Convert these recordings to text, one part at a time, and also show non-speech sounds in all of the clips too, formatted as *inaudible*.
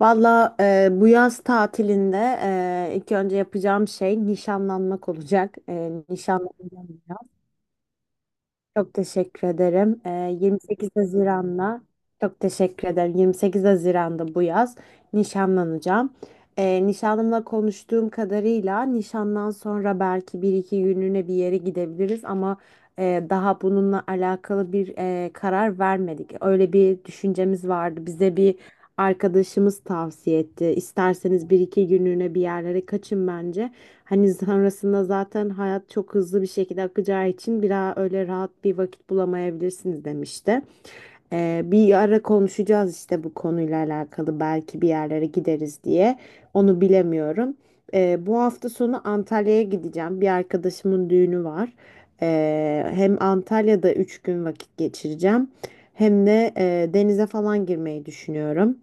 Valla bu yaz tatilinde ilk önce yapacağım şey nişanlanmak olacak. Nişanlanacağım bu yaz. Çok teşekkür ederim. 28 Haziran'da çok teşekkür ederim. 28 Haziran'da bu yaz nişanlanacağım. Nişanlımla konuştuğum kadarıyla nişandan sonra belki bir iki günlüğüne bir yere gidebiliriz ama daha bununla alakalı bir karar vermedik. Öyle bir düşüncemiz vardı. Bize bir arkadaşımız tavsiye etti. İsterseniz bir iki günlüğüne bir yerlere kaçın bence. Hani sonrasında zaten hayat çok hızlı bir şekilde akacağı için bir daha öyle rahat bir vakit bulamayabilirsiniz demişti. Bir ara konuşacağız işte bu konuyla alakalı belki bir yerlere gideriz diye. Onu bilemiyorum. Bu hafta sonu Antalya'ya gideceğim. Bir arkadaşımın düğünü var. Hem Antalya'da 3 gün vakit geçireceğim. Hem de denize falan girmeyi düşünüyorum.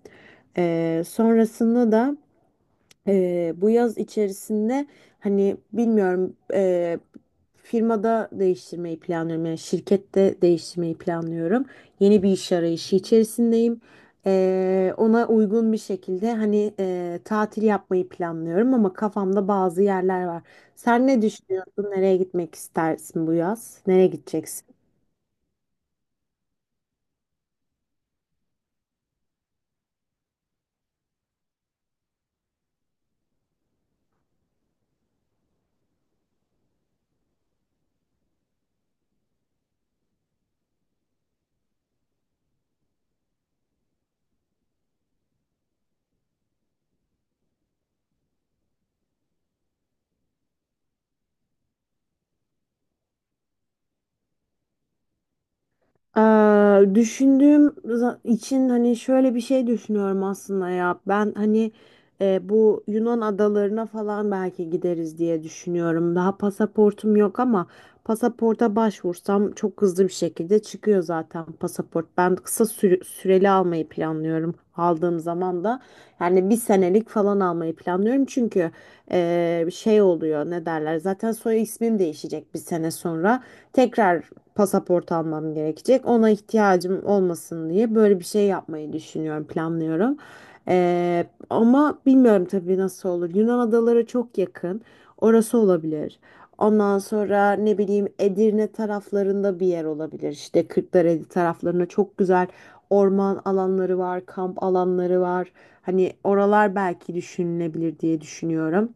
Sonrasında da bu yaz içerisinde hani bilmiyorum, firmada değiştirmeyi planlıyorum, yani şirkette değiştirmeyi planlıyorum. Yeni bir iş arayışı içerisindeyim. Ona uygun bir şekilde hani tatil yapmayı planlıyorum ama kafamda bazı yerler var. Sen ne düşünüyorsun? Nereye gitmek istersin bu yaz? Nereye gideceksin? İçin hani şöyle bir şey düşünüyorum aslında ya. Ben hani bu Yunan adalarına falan belki gideriz diye düşünüyorum. Daha pasaportum yok ama pasaporta başvursam çok hızlı bir şekilde çıkıyor zaten pasaport. Ben kısa süreli almayı planlıyorum. Aldığım zaman da yani bir senelik falan almayı planlıyorum, çünkü şey oluyor, ne derler, zaten soy ismim değişecek, bir sene sonra tekrar pasaport almam gerekecek. Ona ihtiyacım olmasın diye böyle bir şey yapmayı düşünüyorum, planlıyorum. Ama bilmiyorum tabii nasıl olur. Yunan adaları çok yakın. Orası olabilir. Ondan sonra ne bileyim Edirne taraflarında bir yer olabilir. İşte Kırklareli taraflarında çok güzel orman alanları var, kamp alanları var. Hani oralar belki düşünülebilir diye düşünüyorum.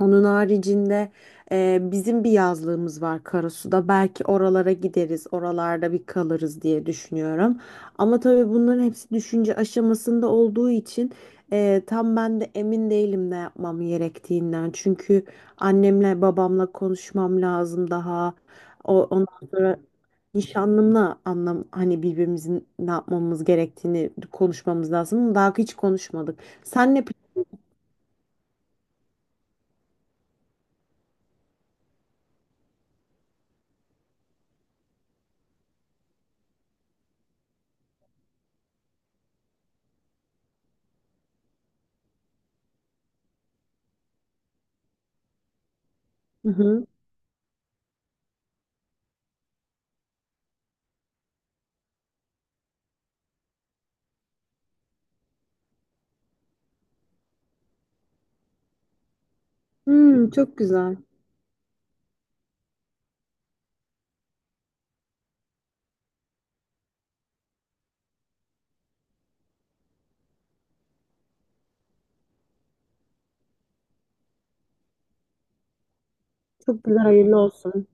Onun haricinde bizim bir yazlığımız var Karasu'da. Belki oralara gideriz, oralarda bir kalırız diye düşünüyorum. Ama tabii bunların hepsi düşünce aşamasında olduğu için tam ben de emin değilim ne yapmam gerektiğinden. Çünkü annemle babamla konuşmam lazım daha. Ondan sonra nişanlımla anlam hani birbirimizin ne yapmamız gerektiğini konuşmamız lazım. Daha hiç konuşmadık. Senle. Hı hı. Çok güzel. Çok güzel, hayırlı olsun.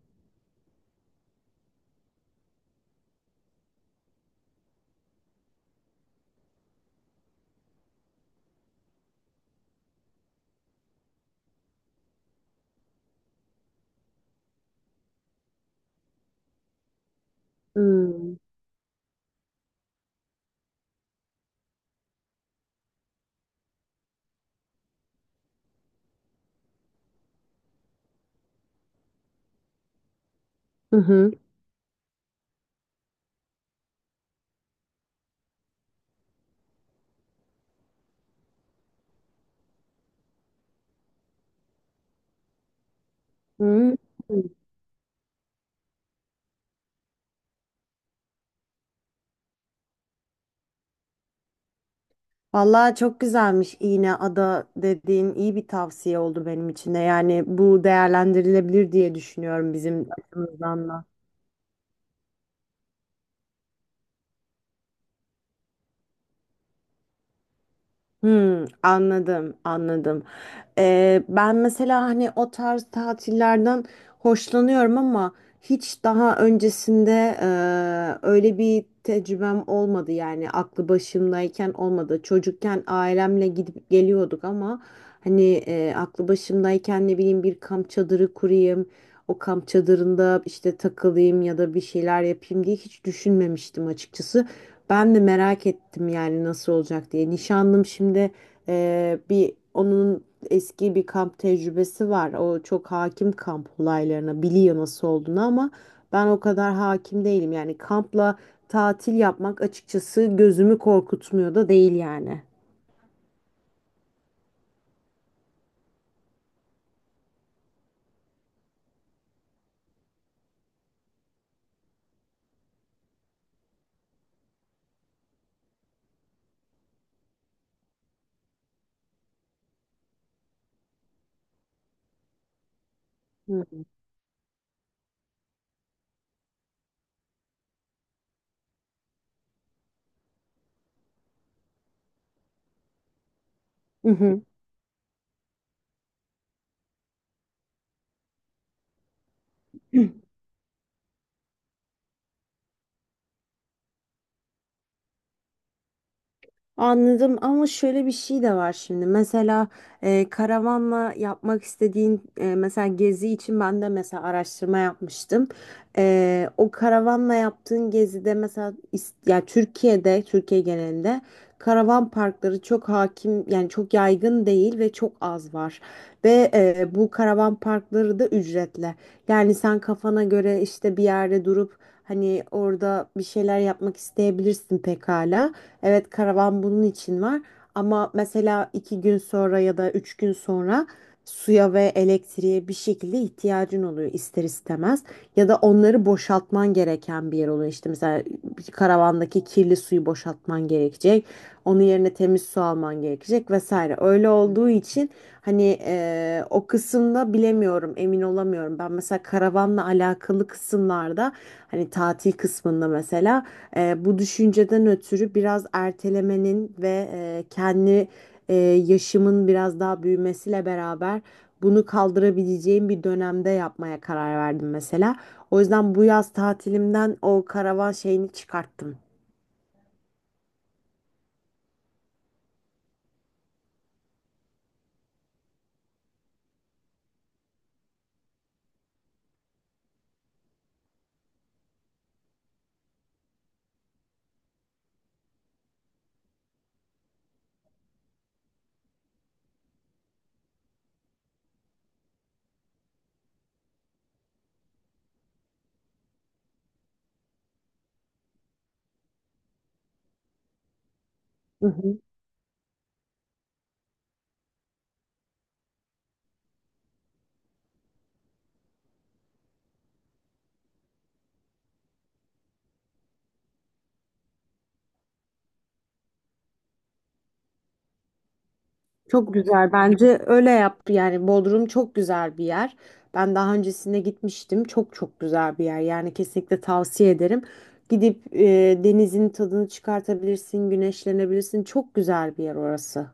Hmm. Hı hı. Hmm. Vallahi çok güzelmiş, iğne ada dediğin iyi bir tavsiye oldu benim için de. Yani bu değerlendirilebilir diye düşünüyorum bizim açımızdan da. Hmm, anladım, anladım. Ben mesela hani o tarz tatillerden hoşlanıyorum ama hiç daha öncesinde öyle bir tecrübem olmadı, yani aklı başımdayken olmadı. Çocukken ailemle gidip geliyorduk ama hani aklı başımdayken ne bileyim bir kamp çadırı kurayım, o kamp çadırında işte takılayım ya da bir şeyler yapayım diye hiç düşünmemiştim açıkçası. Ben de merak ettim yani nasıl olacak diye. Nişanlım şimdi bir onun eski bir kamp tecrübesi var. O çok hakim kamp olaylarına, biliyor nasıl olduğunu, ama ben o kadar hakim değilim. Yani kampla tatil yapmak açıkçası gözümü korkutmuyor da değil yani. Hı hı. *clears throat* Anladım ama şöyle bir şey de var şimdi. Mesela karavanla yapmak istediğin mesela gezi için ben de mesela araştırma yapmıştım. O karavanla yaptığın gezide mesela ya, Türkiye genelinde karavan parkları çok hakim, yani çok yaygın değil ve çok az var. Ve bu karavan parkları da ücretli. Yani sen kafana göre işte bir yerde durup hani orada bir şeyler yapmak isteyebilirsin pekala. Evet, karavan bunun için var ama mesela 2 gün sonra ya da 3 gün sonra suya ve elektriğe bir şekilde ihtiyacın oluyor ister istemez. Ya da onları boşaltman gereken bir yer oluyor. İşte mesela bir karavandaki kirli suyu boşaltman gerekecek. Onun yerine temiz su alman gerekecek, vesaire. Öyle olduğu için hani o kısımda bilemiyorum, emin olamıyorum. Ben mesela karavanla alakalı kısımlarda hani tatil kısmında mesela bu düşünceden ötürü biraz ertelemenin ve kendi e, yaşımın biraz daha büyümesiyle beraber bunu kaldırabileceğim bir dönemde yapmaya karar verdim mesela. O yüzden bu yaz tatilimden o karavan şeyini çıkarttım. Çok güzel, bence öyle yaptı. Yani Bodrum çok güzel bir yer. Ben daha öncesinde gitmiştim. Çok çok güzel bir yer. Yani kesinlikle tavsiye ederim. Gidip denizin tadını çıkartabilirsin, güneşlenebilirsin. Çok güzel bir yer orası.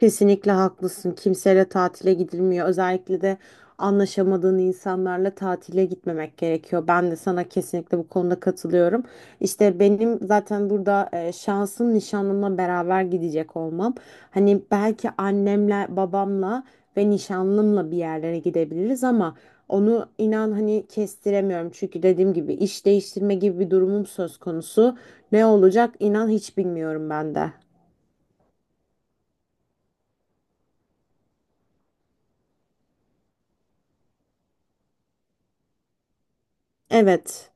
Kesinlikle haklısın. Kimseyle tatile gidilmiyor. Özellikle de anlaşamadığın insanlarla tatile gitmemek gerekiyor. Ben de sana kesinlikle bu konuda katılıyorum. İşte benim zaten burada şansım nişanlımla beraber gidecek olmam. Hani belki annemle, babamla ve nişanlımla bir yerlere gidebiliriz ama onu inan hani kestiremiyorum. Çünkü dediğim gibi iş değiştirme gibi bir durumum söz konusu. Ne olacak inan hiç bilmiyorum ben de. Evet.